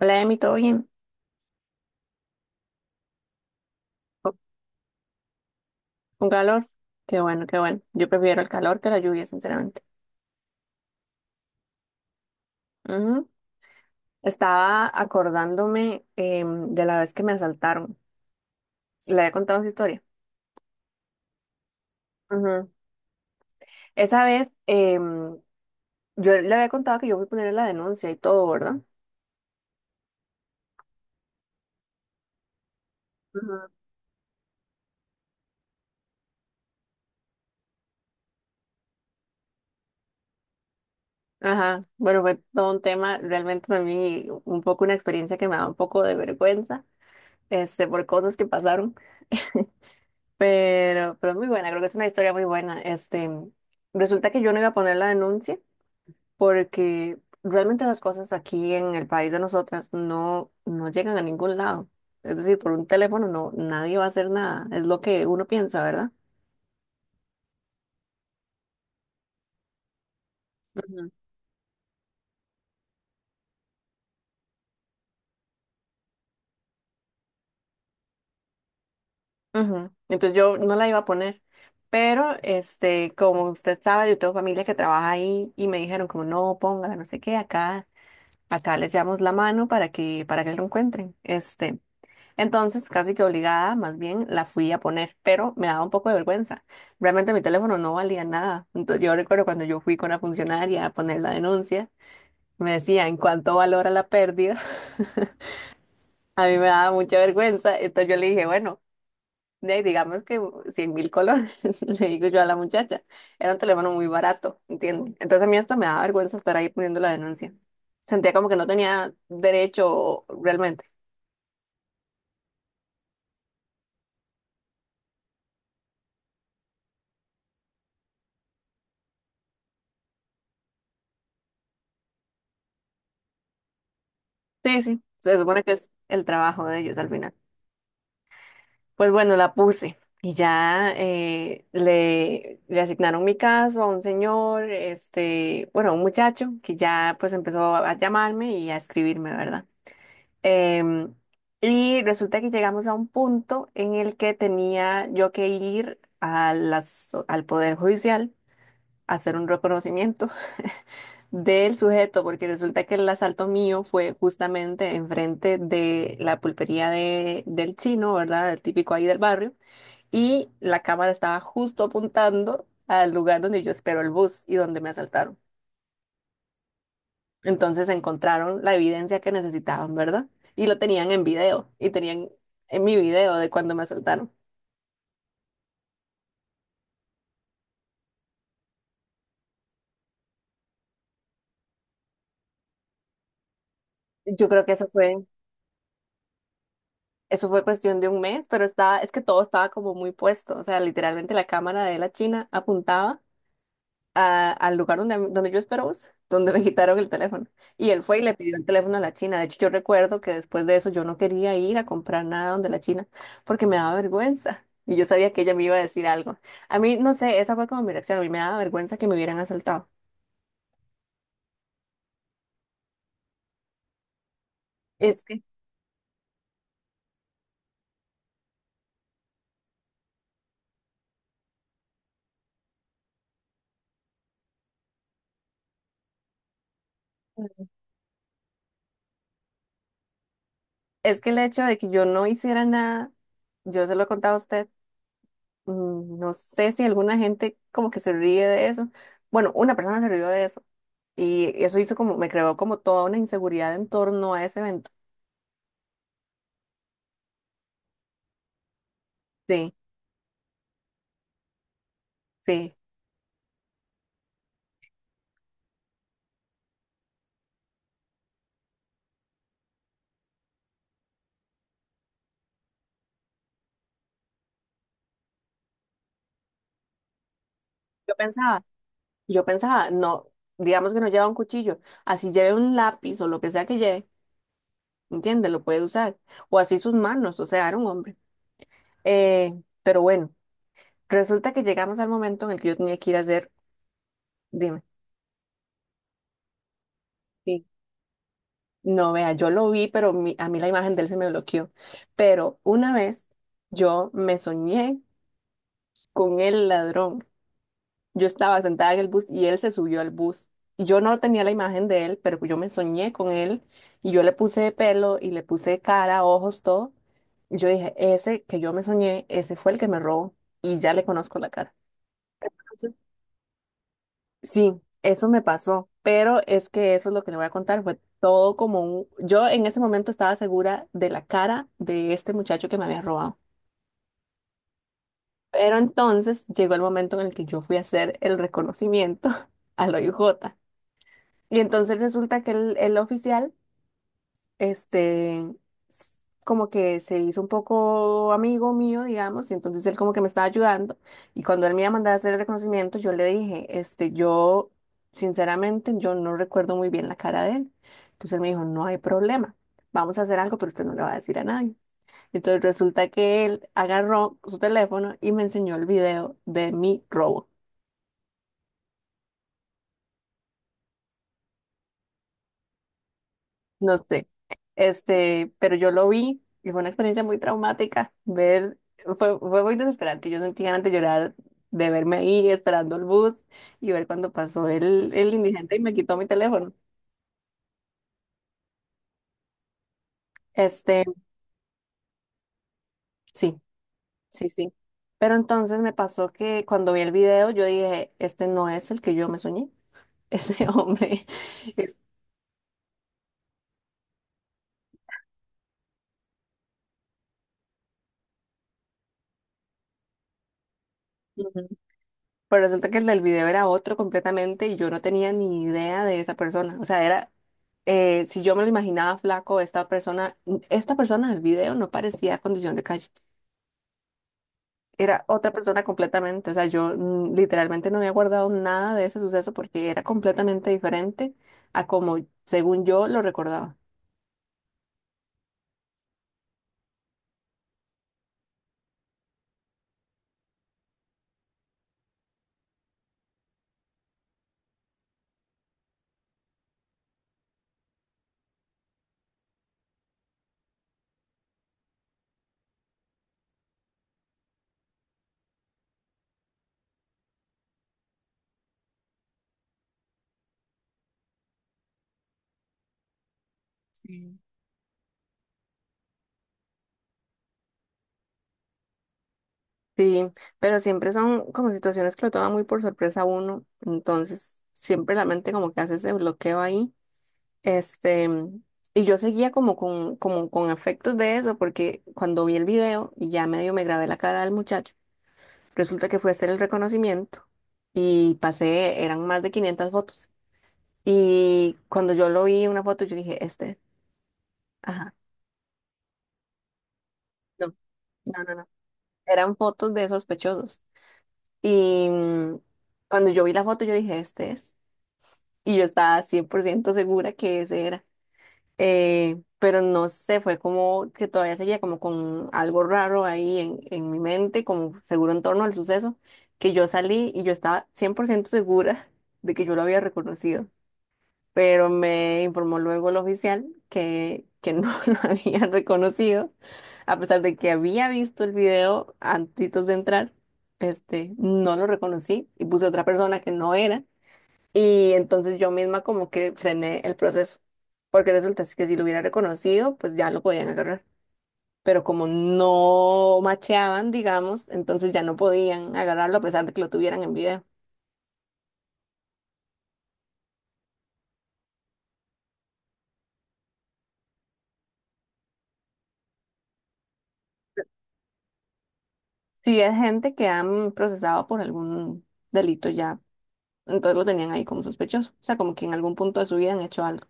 Hola, Emi, ¿todo bien? Oh, ¿un calor? Qué bueno, qué bueno. Yo prefiero el calor que la lluvia, sinceramente. Ujú. Estaba acordándome de la vez que me asaltaron. Le había contado esa historia. Ujú. Esa vez, yo le había contado que yo fui a poner la denuncia y todo, ¿verdad? Ujú. Ajá, bueno, fue todo un tema, realmente también y un poco una experiencia que me da un poco de vergüenza, este, por cosas que pasaron. Pero es muy buena, creo que es una historia muy buena. Este, resulta que yo no iba a poner la denuncia porque realmente las cosas aquí en el país de nosotras no llegan a ningún lado. Es decir, por un teléfono no, nadie va a hacer nada. Es lo que uno piensa, ¿verdad? Ujú. Ujú. Entonces yo no la iba a poner, pero este, como usted sabe, yo tengo familia que trabaja ahí y me dijeron como no, póngala, no sé qué, acá, acá les llevamos la mano para que lo encuentren. Este, entonces, casi que obligada, más bien la fui a poner, pero me daba un poco de vergüenza. Realmente mi teléfono no valía nada. Entonces, yo recuerdo cuando yo fui con la funcionaria a poner la denuncia, me decía, ¿en cuánto valora la pérdida? A mí me daba mucha vergüenza. Entonces yo le dije, bueno, de ahí digamos que 100.000 colones, le digo yo a la muchacha. Era un teléfono muy barato, ¿entiendes? Entonces a mí hasta me daba vergüenza estar ahí poniendo la denuncia. Sentía como que no tenía derecho realmente. Sí, sí, se supone que es el trabajo de ellos al final. Pues bueno, la puse y ya le, le asignaron mi caso a un señor, este, bueno, a un muchacho que ya pues empezó a llamarme y a escribirme, ¿verdad? Em, y resulta que llegamos a un punto en el que tenía yo que ir a las, al Poder Judicial a hacer un reconocimiento del sujeto, porque resulta que el asalto mío fue justamente enfrente de la pulpería de, del chino, ¿verdad? El típico ahí del barrio y la cámara estaba justo apuntando al lugar donde yo espero el bus y donde me asaltaron. Entonces encontraron la evidencia que necesitaban, ¿verdad? Y lo tenían en video y tenían en mi video de cuando me asaltaron. Yo creo que eso fue cuestión de un mes, pero estaba, es que todo estaba como muy puesto, o sea, literalmente la cámara de la China apuntaba al lugar donde, donde yo espero esperaba, donde me quitaron el teléfono. Y él fue y le pidió el teléfono a la China. De hecho, yo recuerdo que después de eso yo no quería ir a comprar nada donde la China porque me daba vergüenza. Y yo sabía que ella me iba a decir algo. A mí, no sé, esa fue como mi reacción. A mí me daba vergüenza que me hubieran asaltado. Es que, es que el hecho de que yo no hiciera nada, yo se lo he contado a usted, mm, no sé si alguna gente como que se ríe de eso. Bueno, una persona se rió de eso. Y eso hizo como, me creó como toda una inseguridad en torno a ese evento. Sí, sí. Yo pensaba, yo pensaba, no, digamos que no lleva un cuchillo, así lleve un lápiz o lo que sea que lleve, ¿entiendes? Lo puede usar. O así sus manos, o sea, era un hombre. Eh, pero bueno, resulta que llegamos al momento en el que yo tenía que ir a hacer, dime. Sí. No, vea, yo lo vi, pero a mí la imagen de él se me bloqueó. Pero una vez yo me soñé con el ladrón. Yo estaba sentada en el bus y él se subió al bus. Y yo no tenía la imagen de él, pero yo me soñé con él y yo le puse pelo y le puse cara, ojos, todo. Y yo dije, ese que yo me soñé, ese fue el que me robó y ya le conozco la cara. Entonces, sí, eso me pasó, pero es que eso es lo que le voy a contar, fue todo como un... Yo en ese momento estaba segura de la cara de este muchacho que me había robado, pero entonces llegó el momento en el que yo fui a hacer el reconocimiento al OIJ. Y entonces resulta que el oficial, este, s- como que se hizo un poco amigo mío, digamos, y entonces él como que me estaba ayudando. Y cuando él me iba a mandar a hacer el reconocimiento, yo le dije, este, yo, sinceramente, yo no recuerdo muy bien la cara de él. Entonces él me dijo, no hay problema, vamos a hacer algo, pero usted no le va a decir a nadie. Entonces resulta que él agarró su teléfono y me enseñó el video de mi robo. No sé. Este, pero yo lo vi y fue una experiencia muy traumática. Ver, fue muy desesperante. Yo sentí ganas de llorar de verme ahí esperando el bus y ver cuando pasó el indigente y me quitó mi teléfono. Este, sí, sí, sí. Pero entonces me pasó que cuando vi el video yo dije, este no es el que yo me soñé. Ese hombre es- ujú. Pero resulta que el del video era otro completamente y yo no tenía ni idea de esa persona. O sea, era, si yo me lo imaginaba flaco, esta persona del video no parecía condición de calle. Era otra persona completamente. O sea, literalmente no había guardado nada de ese suceso porque era completamente diferente a como, según yo, lo recordaba. Sí, pero siempre son como situaciones que lo toman muy por sorpresa a uno. Entonces, siempre la mente como que hace ese bloqueo ahí. Este, y yo seguía como con afectos de eso, porque cuando vi el video y ya medio me grabé la cara del muchacho, resulta que fue a hacer el reconocimiento y pasé, eran más de 500 fotos. Y cuando yo lo vi en una foto, yo dije, este, es". Ajá, no, no, no, no, eran fotos de sospechosos. Y cuando yo vi la foto, yo dije, este es. Y yo estaba 100% segura que ese era. Eh, pero no sé, fue como que todavía seguía como con algo raro ahí en mi mente, como seguro en torno al suceso, que yo salí y yo estaba 100% segura de que yo lo había reconocido, pero me informó luego el oficial que no lo había reconocido, a pesar de que había visto el video antes de entrar, este, no lo reconocí y puse otra persona que no era. Y entonces yo misma como que frené el proceso, porque resulta es que si lo hubiera reconocido, pues ya lo podían agarrar. Pero como no macheaban, digamos, entonces ya no podían agarrarlo a pesar de que lo tuvieran en video. Si es gente que han procesado por algún delito ya, entonces lo tenían ahí como sospechoso. O sea, como que en algún punto de su vida han hecho algo.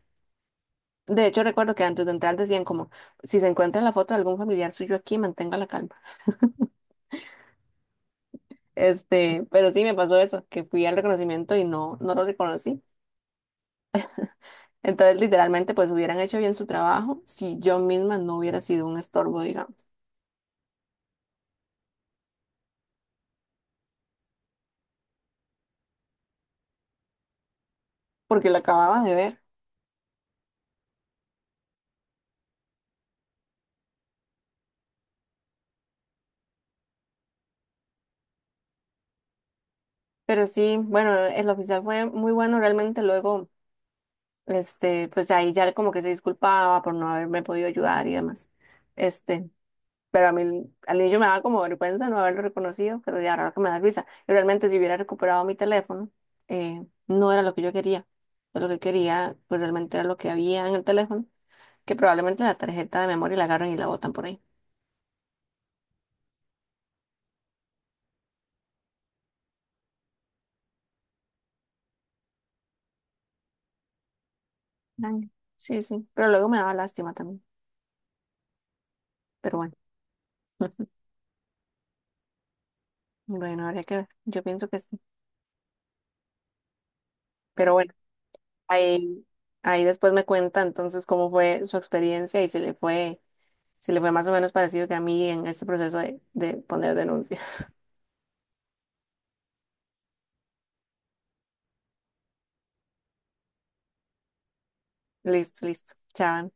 De hecho, recuerdo que antes de entrar decían como, si se encuentra la foto de algún familiar suyo aquí, mantenga la calma. Este, pero sí me pasó eso, que fui al reconocimiento y no, no lo reconocí. Entonces, literalmente, pues hubieran hecho bien su trabajo si yo misma no hubiera sido un estorbo, digamos, porque la acababa de ver. Pero sí, bueno, el oficial fue muy bueno realmente. Luego, este, pues ahí ya como que se disculpaba por no haberme podido ayudar y demás. Este, pero a mí al inicio me daba como vergüenza no haberlo reconocido, pero ya ahora que me da risa. Y realmente, si hubiera recuperado mi teléfono, no era lo que yo quería. Yo lo que quería, pues realmente era lo que había en el teléfono, que probablemente la tarjeta de memoria la agarran y la botan por ahí. Ay, sí, sí, pero luego me daba lástima también, pero bueno, bueno, habría que ver, yo pienso que sí, pero bueno, ahí, ahí después me cuenta entonces cómo fue su experiencia y si le fue, si le fue más o menos parecido que a mí en este proceso de poner denuncias. Listo, listo, chao.